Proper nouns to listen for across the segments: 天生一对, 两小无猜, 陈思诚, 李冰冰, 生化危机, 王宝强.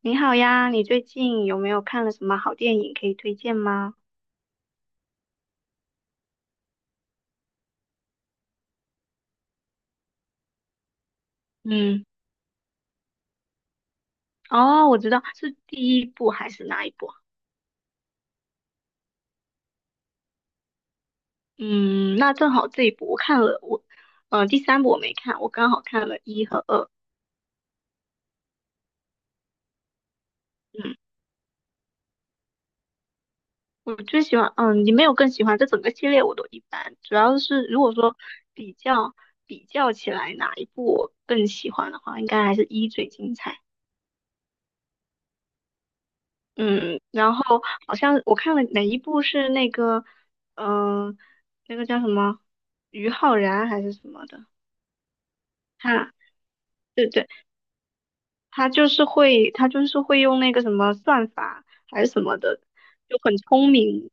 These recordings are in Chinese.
你好呀，你最近有没有看了什么好电影可以推荐吗？嗯，哦，我知道是第一部还是哪一部啊。嗯，那正好这一部我看了，我，第三部我没看，我刚好看了一和二。嗯，我最喜欢，嗯，你没有更喜欢，这整个系列我都一般，主要是如果说比较比较起来哪一部我更喜欢的话，应该还是一最精彩。嗯，然后好像我看了哪一部是那个，嗯、那个叫什么，于浩然还是什么的，他，对对，他就是会用那个什么算法还是什么的，就很聪明，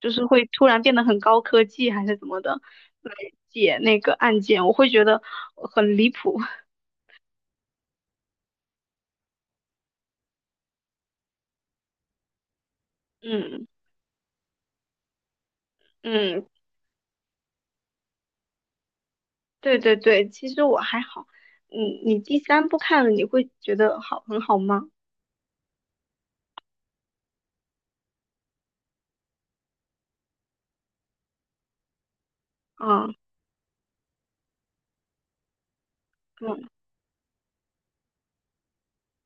就是会突然变得很高科技还是怎么的来解那个案件，我会觉得很离谱。嗯。嗯，对对对，其实我还好。嗯，你第三部看了你会觉得好很好吗？嗯。嗯，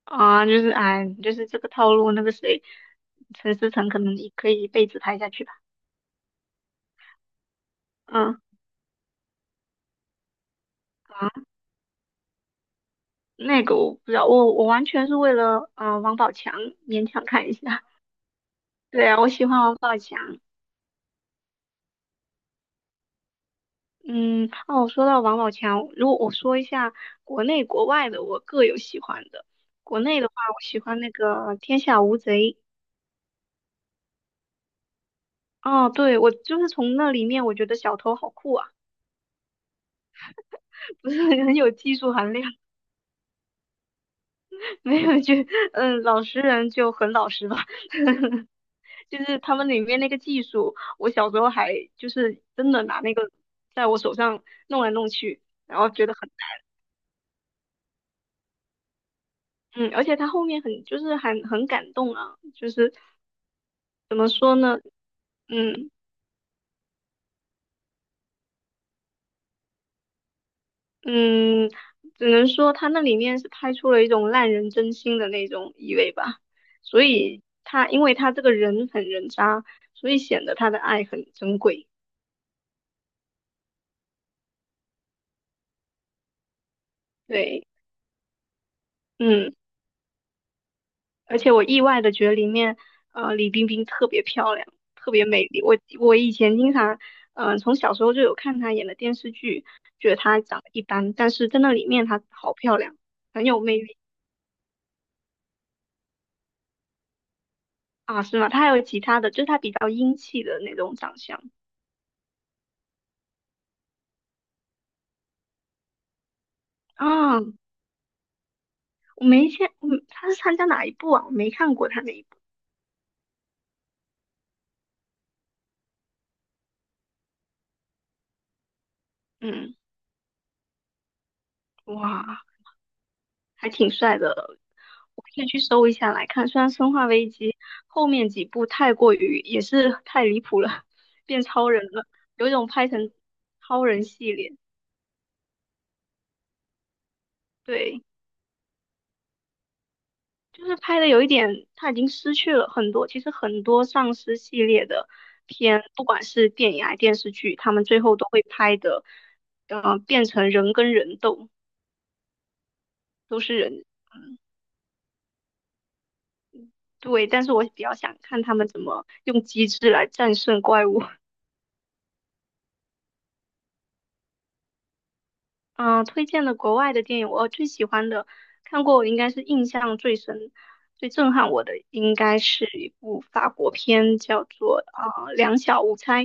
啊，就是哎，就是这个套路，那个谁，陈思诚可能也可以一辈子拍下去吧。嗯，啊，那个我不知道，我完全是为了王宝强勉强看一下。对啊，我喜欢王宝强。嗯，哦，说到王宝强，如果我说一下国内国外的，我各有喜欢的。国内的话，我喜欢那个《天下无贼》。哦，对，我就是从那里面，我觉得小偷好酷啊，不是很有技术含量。没有就嗯，老实人就很老实吧，就是他们里面那个技术，我小时候还就是真的拿那个在我手上弄来弄去，然后觉得很。嗯，而且他后面很就是很感动啊，就是怎么说呢，嗯。嗯，只能说他那里面是拍出了一种烂人真心的那种意味吧，所以他因为他这个人很人渣，所以显得他的爱很珍贵，对，嗯。而且我意外的觉得里面，李冰冰特别漂亮，特别美丽。我以前经常，从小时候就有看她演的电视剧，觉得她长得一般，但是在那里面她好漂亮，很有魅力。啊，是吗？她还有其他的，就是她比较英气的那种长相啊。我没见，嗯，她是参加哪一部啊？我没看过她那一部。嗯，哇，还挺帅的。我可以去搜一下来看。虽然《生化危机》后面几部太过于也是太离谱了，变超人了，有一种拍成超人系列，对，就是拍的有一点他已经失去了很多。其实很多丧尸系列的片，不管是电影还是电视剧，他们最后都会拍的，变成人跟人斗，都是人。对，但是我比较想看他们怎么用机智来战胜怪物。推荐的国外的电影，我最喜欢的，看过我应该是印象最深、最震撼我的，应该是一部法国片，叫做《两小无猜》。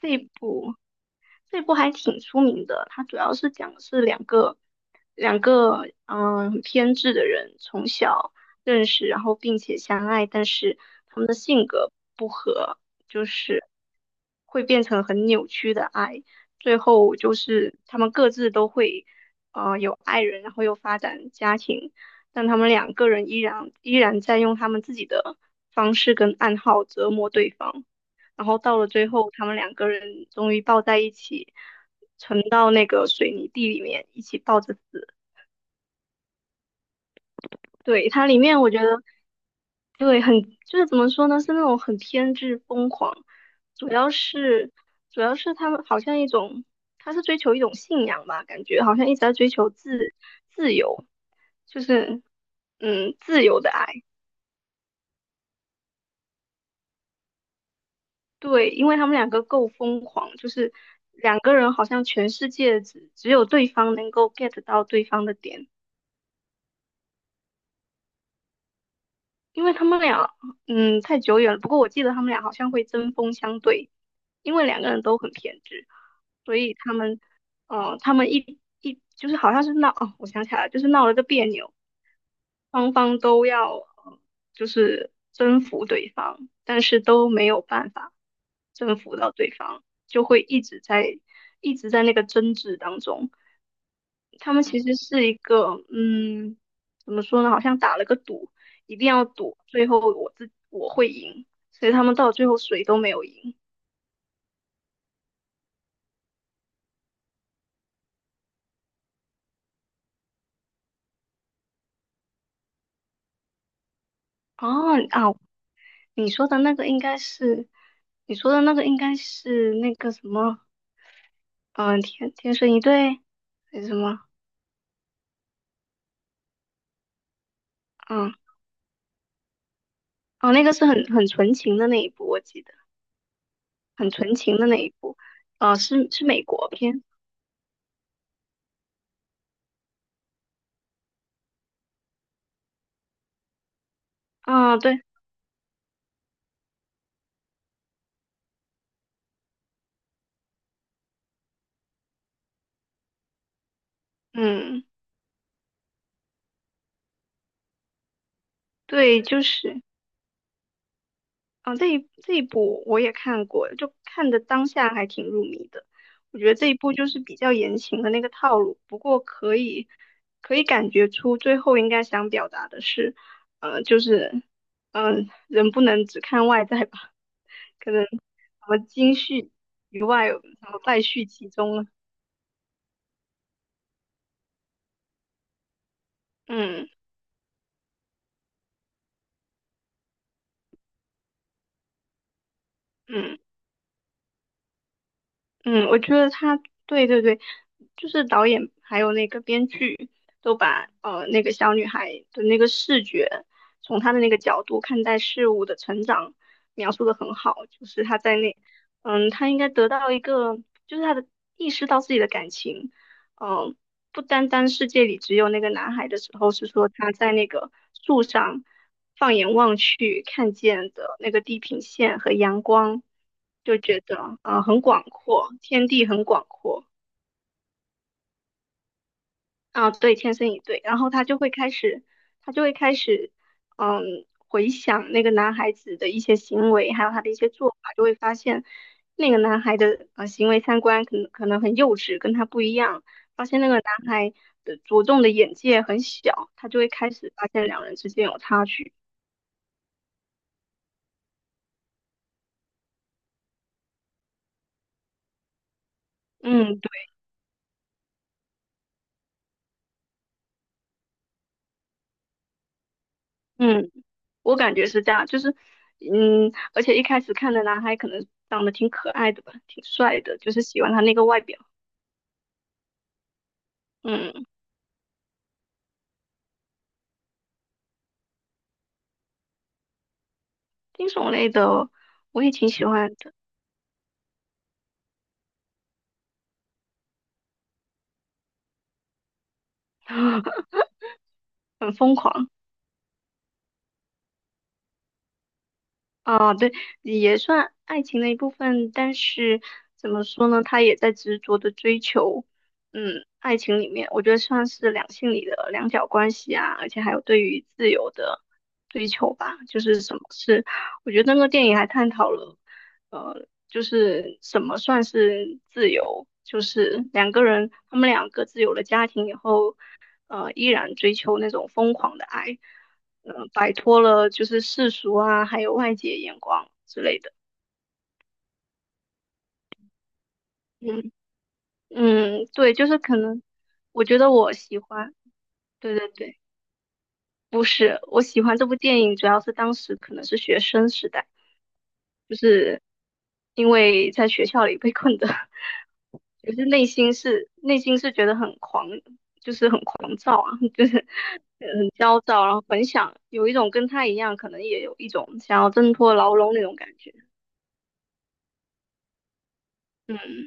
这部这部还挺出名的，它主要是讲的是两个嗯很偏执的人从小认识，然后并且相爱，但是他们的性格不合，就是会变成很扭曲的爱，最后就是他们各自都会有爱人，然后又发展家庭，但他们两个人依然在用他们自己的方式跟暗号折磨对方。然后到了最后，他们两个人终于抱在一起，沉到那个水泥地里面，一起抱着死。对，它里面我觉得，对，很，就是怎么说呢，是那种很偏执疯狂，主要是主要是他们好像一种，他是追求一种信仰吧，感觉好像一直在追求自由，就是嗯自由的爱。对，因为他们两个够疯狂，就是两个人好像全世界只有对方能够 get 到对方的点，因为他们俩，嗯，太久远了。不过我记得他们俩好像会针锋相对，因为两个人都很偏执，所以他们，嗯他们就是好像是闹，哦，我想起来了，就是闹了个别扭，双方都要就是征服对方，但是都没有办法征服到对方，就会一直在那个争执当中。他们其实是一个嗯，怎么说呢？好像打了个赌，一定要赌最后我自我会赢，所以他们到最后谁都没有赢。哦啊，你说的那个应该是你说的那个应该是那个什么，嗯、天天生一对还是什么？嗯。哦，那个是很纯情的那一部，我记得很纯情的那一部，是是美国片啊，对，嗯，对，就是啊，这一部我也看过，就看的当下还挺入迷的。我觉得这一部就是比较言情的那个套路，不过可以可以感觉出最后应该想表达的是，就是人不能只看外在吧，可能什么金絮于外，然后败絮其中了，嗯。嗯，嗯，我觉得他对对对，就是导演还有那个编剧都把那个小女孩的那个视觉，从她的那个角度看待事物的成长描述的很好，就是她在那，嗯，她应该得到一个，就是她的意识到自己的感情，嗯、不单单世界里只有那个男孩的时候，是说他在那个树上放眼望去看见的那个地平线和阳光，就觉得很广阔，天地很广阔。啊，对，天生一对，然后他就会开始，他就会开始，嗯，回想那个男孩子的一些行为，还有他的一些做法，就会发现那个男孩的行为三观可能很幼稚，跟他不一样，发现那个男孩的着重的眼界很小，他就会开始发现两人之间有差距。嗯，对。嗯，我感觉是这样，就是，嗯，而且一开始看的男孩可能长得挺可爱的吧，挺帅的，就是喜欢他那个外表。嗯。惊悚类的我也挺喜欢的，很疯狂。啊，对，也算爱情的一部分，但是怎么说呢，他也在执着的追求，嗯，爱情里面，我觉得算是两性里的两角关系啊，而且还有对于自由的追求吧，就是什么是，我觉得那个电影还探讨了，就是什么算是自由，就是两个人，他们两个自有了家庭以后，依然追求那种疯狂的爱。嗯，摆脱了就是世俗啊，还有外界眼光之类的。嗯。嗯，对，就是可能，我觉得我喜欢，对对对，不是，我喜欢这部电影，主要是当时可能是学生时代，就是因为在学校里被困的，就是内心是觉得很狂，就是很狂躁啊，就是很焦躁，然后很想有一种跟他一样，可能也有一种想要挣脱牢笼那种感觉。嗯。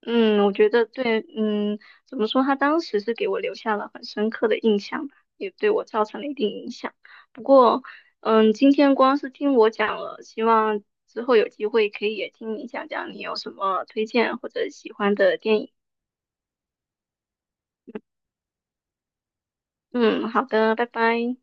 嗯，我觉得对，嗯，怎么说？他当时是给我留下了很深刻的印象吧，也对我造成了一定影响。不过，嗯，今天光是听我讲了，希望之后有机会可以也听你讲讲你有什么推荐或者喜欢的电影。嗯，好的，拜拜。